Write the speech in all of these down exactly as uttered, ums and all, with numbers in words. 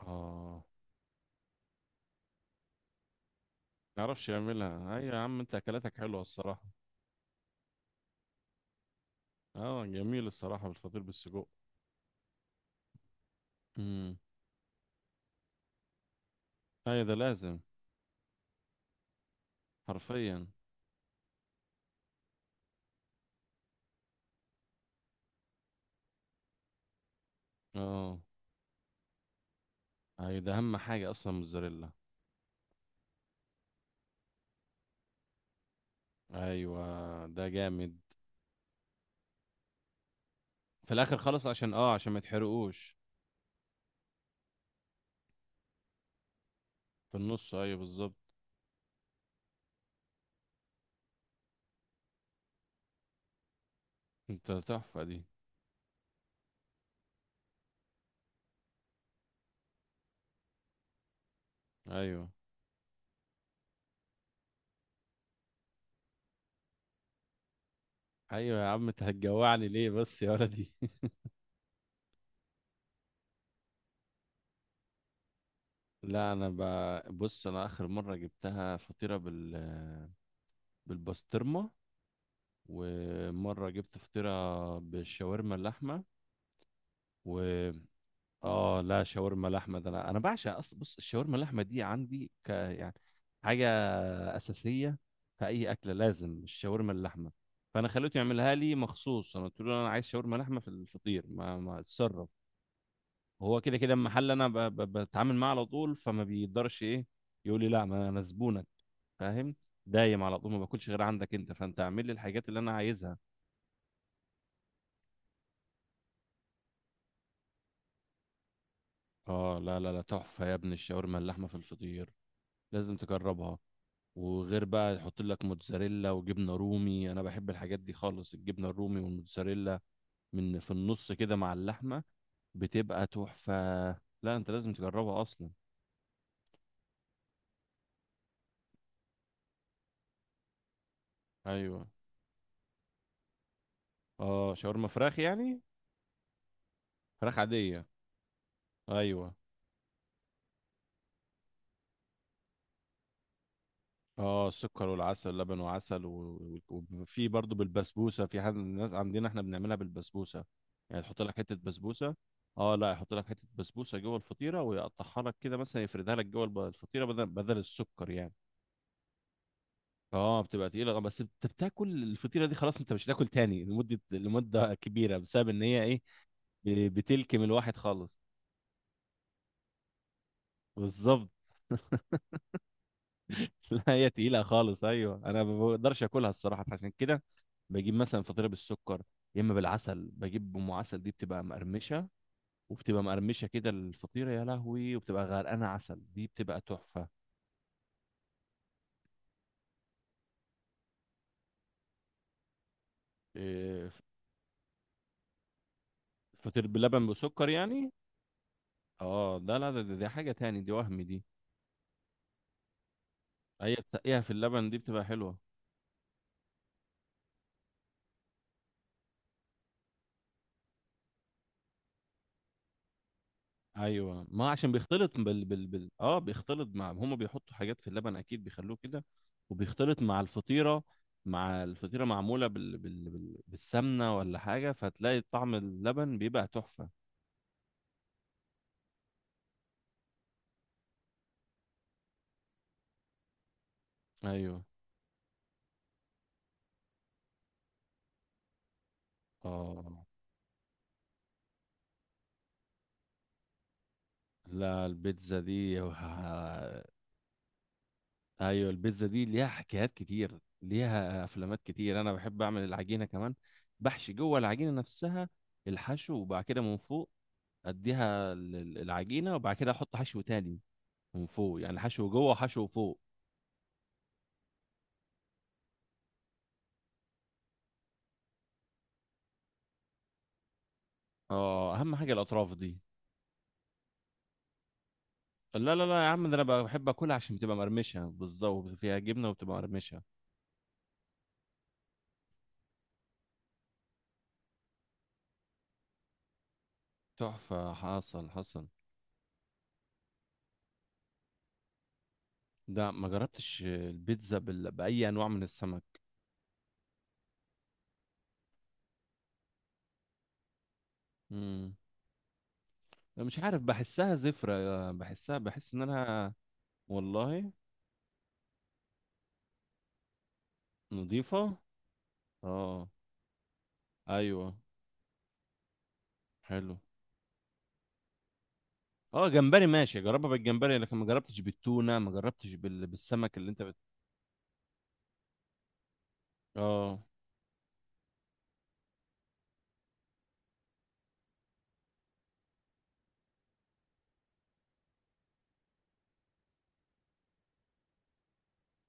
اه، ما يعرفش يعملها. ايوه يا عم، انت اكلاتك حلوه الصراحه. اه، جميل الصراحه، بالفطير بالسجق. امم. ايوه، ده لازم. حرفيا. اه، ايوه، ده اهم حاجه اصلا، موزاريلا. ايوه، ده جامد. في الاخر خالص عشان اه عشان ما يتحرقوش. في النص، ايوه بالظبط. انت تحفه دي. ايوه، ايوه يا عم، انت هتجوعني ليه بس يا ولدي؟ لا، انا ب... بص، انا اخر مره جبتها فطيره بال بالبسطرمه. ومرة جبت فطيرة بالشاورما اللحمة. و اه لا، شاورما لحمة ده، انا انا بعشق. أص... بص، الشاورما اللحمة دي عندي ك يعني حاجة أساسية في أي أكلة، لازم الشاورما اللحمة. فأنا خليته يعملها لي مخصوص، أنا قلت له أنا عايز شاورما لحمة في الفطير، ما ما اتصرف. هو كده كده المحل أنا ب... ب... بتعامل معاه على طول، فما بيقدرش إيه يقول لي لا، ما أنا زبونك، فاهم؟ دايم على طول ما باكلش غير عندك أنت، فأنت اعمل لي الحاجات اللي أنا عايزها. اه، لا لا لا، تحفة يا ابني الشاورما اللحمة في الفطير، لازم تجربها. وغير بقى يحط لك موتزاريلا وجبنة رومي، انا بحب الحاجات دي خالص، الجبنة الرومي والموتزاريلا، من في النص كده مع اللحمة، بتبقى تحفة. لا، انت لازم تجربها اصلا. ايوه. اه، شاورما فراخ يعني؟ فراخ عادية. ايوه. اه، السكر والعسل، لبن وعسل و- و- وفي برضه بالبسبوسه، في حد من الناس عندنا احنا بنعملها بالبسبوسه. يعني تحط لك حته بسبوسه. اه، لا، يحط لك حته بسبوسه جوه الفطيره ويقطعها لك كده، مثلا يفردها لك جوه الب- الفطيره بدل بدل السكر يعني. اه، بتبقى تقيله. آه، بس انت بتاكل الفطيره دي خلاص، انت مش هتاكل تاني لمده، لمده كبيره، بسبب ان هي ايه، ب- بتلكم الواحد خالص. بالظبط. لا، هي تقيلة خالص. أيوه، أنا ما بقدرش آكلها الصراحة، فعشان كده بجيب مثلا فطيرة بالسكر، يا إما بالعسل. بجيب أم عسل، دي بتبقى مقرمشة، وبتبقى مقرمشة كده الفطيرة، يا لهوي، وبتبقى غرقانة عسل، دي بتبقى تحفة. إيه، فطير باللبن بسكر يعني؟ اه، ده لا، ده- ده- دي حاجة تاني دي، وهم دي. هي تسقيها في اللبن، دي بتبقى حلوة. ايوه، ما عشان بيختلط بال بال, بال... اه بيختلط مع هم بيحطوا حاجات في اللبن اكيد، بيخلوه كده. وبيختلط مع الفطيره، مع الفطيره، معموله بال... بال... بال... بالسمنه ولا حاجه، فتلاقي طعم اللبن بيبقى تحفه. ايوه. اه، لا، البيتزا دي وه- ايوه، البيتزا دي ليها حكايات كتير، ليها افلامات كتير. انا بحب اعمل العجينه كمان، بحشي جوه العجينه نفسها الحشو، وبعد كده من فوق اديها ال- ال- العجينه، وبعد كده احط حشو تاني من فوق. يعني حشو جوه وحشو فوق. اه، اهم حاجه الاطراف دي. لا لا لا يا عم، ده انا بقى بحب اكلها عشان بتبقى مرمشه، بالظبط، فيها جبنه وبتبقى مرمشه. تحفه. حصل حصل. ده ما جربتش البيتزا بال... باي انواع من السمك. امم. مش عارف، بحسها زفره، بحسها، بحس ان انا. والله. نظيفه. اه. ايوه. حلو. اه، جمبري ماشي، جربها بالجمبري، لكن ما جربتش بالتونه، ما جربتش بال... بالسمك اللي انت بت... اه،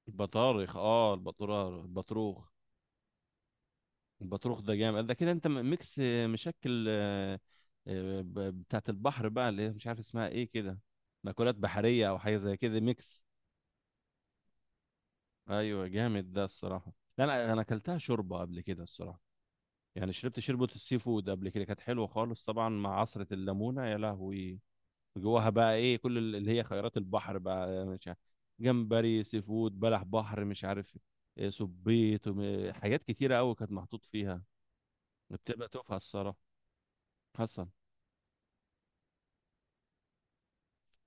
البطارخ، اه البطرار البطروخ. البطروخ ده جامد، ده كده انت م- ميكس، آه، مشكل، آه، آه، ب- بتاعت البحر بقى، اللي هي مش عارف اسمها ايه كده، مأكولات بحرية او حاجة زي كده، ميكس. ايوه جامد ده الصراحة. لا، انا انا اكلتها شوربة قبل كده الصراحة، يعني شربت شوربة السي فود قبل كده، كانت حلوة خالص، طبعا مع عصرة الليمونة، يا لهوي. جواها بقى ايه، كل ال- اللي هي خيرات البحر بقى، مش عارف، جمبري، سي فود، بلح بحر، مش عارف، إيه، صبيط، وم- حاجات كتيرة قوي كانت محطوط فيها. بتبقى تحفة الصراحة. حصل.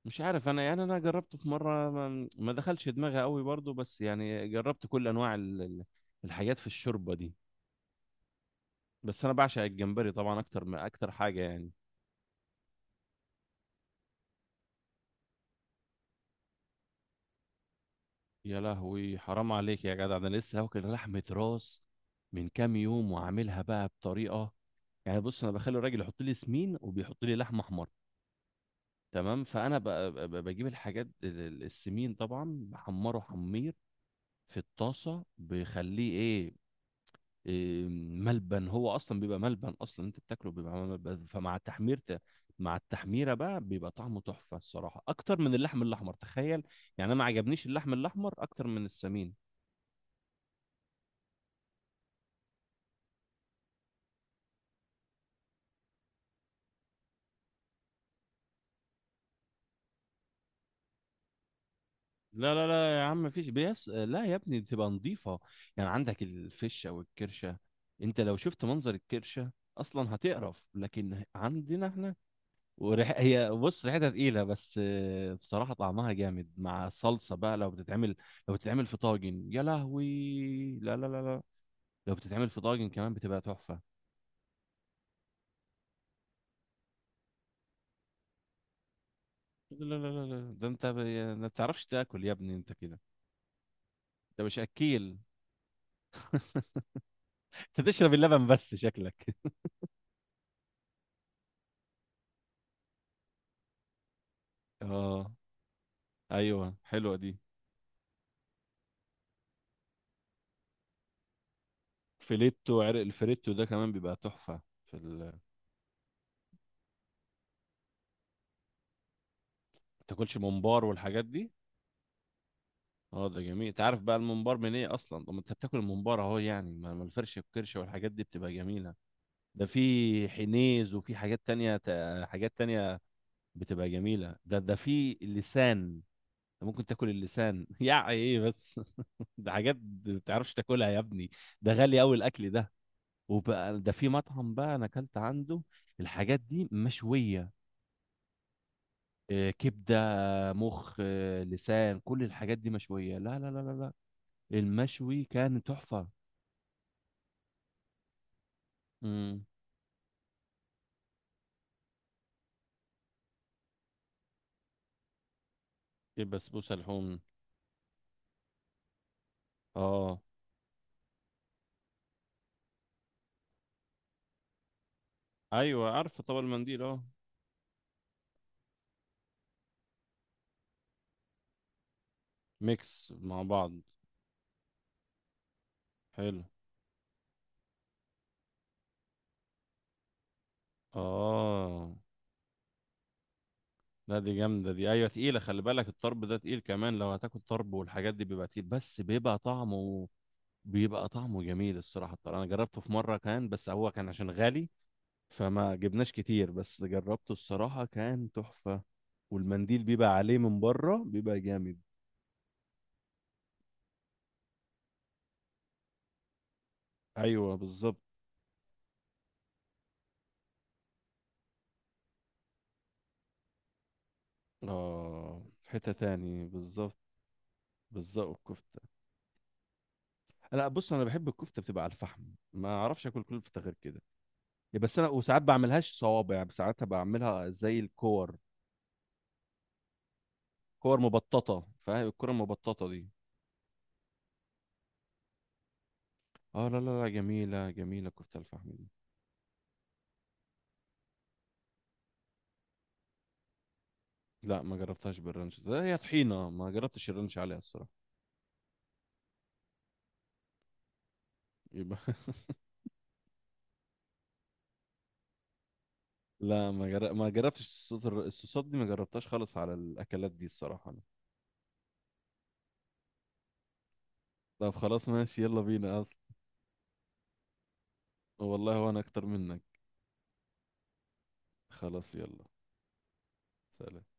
مش عارف انا، يعني انا جربته في مرة، ما, ما دخلش دماغي قوي برضو، بس يعني جربت كل انواع ال- ال- الحاجات في الشوربة دي. بس انا بعشق الجمبري طبعا اكتر من اكتر حاجة يعني. يا لهوي، حرام عليك يا جدع، انا لسه واكل لحمة راس من كام يوم، وعاملها بقى بطريقة يعني. بص، انا بخلي الراجل يحط لي سمين، وبيحط لي لحمه حمر، تمام؟ فانا ب- ب- بجيب الحاجات ال- ال- السمين طبعا بحمره حمير، في الطاسه بخليه ايه، إيه، ملبن. هو اصلا بيبقى ملبن اصلا انت بتاكله، بيبقى ملبن، فمع التحمير ت- مع التحميره بقى بيبقى طعمه تحفه الصراحه، اكتر من اللحم الاحمر، تخيل. يعني انا ما عجبنيش اللحم الاحمر اكتر من السمين. لا لا لا يا عم، مفيش بيس، لا يا ابني بتبقى نظيفة. يعني عندك الفشة والكرشة، انت لو شفت منظر الكرشة اصلا هتقرف، لكن عندنا احنا وريح هي، بص، ريحتها تقيلة، بس آه، بصراحة طعمها جامد مع الصلصة بقى، لو بتتعمل، لو بتتعمل في طاجن، يا لهوي. لا لا لا لا، لو بتتعمل في طاجن كمان بتبقى تحفة. لا لا لا لا، ده انت ب... ما بتعرفش تاكل يا ابني انت كده، انت مش اكيل. انت تشرب اللبن بس شكلك. اه. ايوه، حلوة دي. فيليتو عرق، الفريتو ده كمان بيبقى تحفة في ال... ما تاكلش ممبار والحاجات دي. اه ده جميل، انت عارف بقى الممبار من ايه اصلا؟ طب ما انت بتاكل الممبار اهو يعني، ما ما الفرشه والكرشه والحاجات دي بتبقى جميله. ده في حنيز وفي حاجات تانية، تا- حاجات تانية بتبقى جميله، ده ده في اللسان، انت ممكن تاكل اللسان؟ يا ايه بس. ده حاجات ما بتعرفش تاكلها يا ابني، ده غالي قوي الاكل ده. وبقى ده في مطعم بقى انا اكلت عنده الحاجات دي مشويه، آه، كبده، مخ، آه، لسان، كل الحاجات دي مشوية، لا لا لا لا لا، المشوي كان تحفة. امم. البسبوسه لحوم؟ اه. ايوه، عارفه طبق المنديل، اه. ميكس مع بعض. حلو. اه، لا دي جامده دي، ايوه تقيله، خلي بالك الطرب ده تقيل كمان، لو هتاكل طرب والحاجات دي بيبقى تقيل، بس بيبقى طعمه بيبقى طعمه جميل الصراحه. الطرب انا جربته في مره، كان بس هو كان عشان غالي فما جبناش كتير، بس جربته الصراحة كان تحفة. والمنديل بيبقى عليه من بره، بيبقى جامد. ايوه بالظبط. اه، حتة تاني بالظبط. بالظبط الكفتة. لا بص، انا بحب الكفتة بتبقى على الفحم، ما اعرفش اكل كفتة غير كده، يا بس انا وساعات بعملهاش صوابع، يعني ساعات بعملها زي الكور، كور مبططة، فاهم الكرة المبططة دي؟ اه، لا لا لا، جميلة جميلة كفتة الفحم دي. لا ما جربتهاش بالرانش، ده هي طحينة، ما جربتش الرانش عليها الصراحة. يبقى، لا ما جر... ما جربتش الصوصات الر- الصوصات دي ما جربتهاش خالص على الاكلات دي الصراحه أنا. طب خلاص ماشي، يلا بينا اصلا. والله، وانا اكتر منك. خلاص يلا. سلام.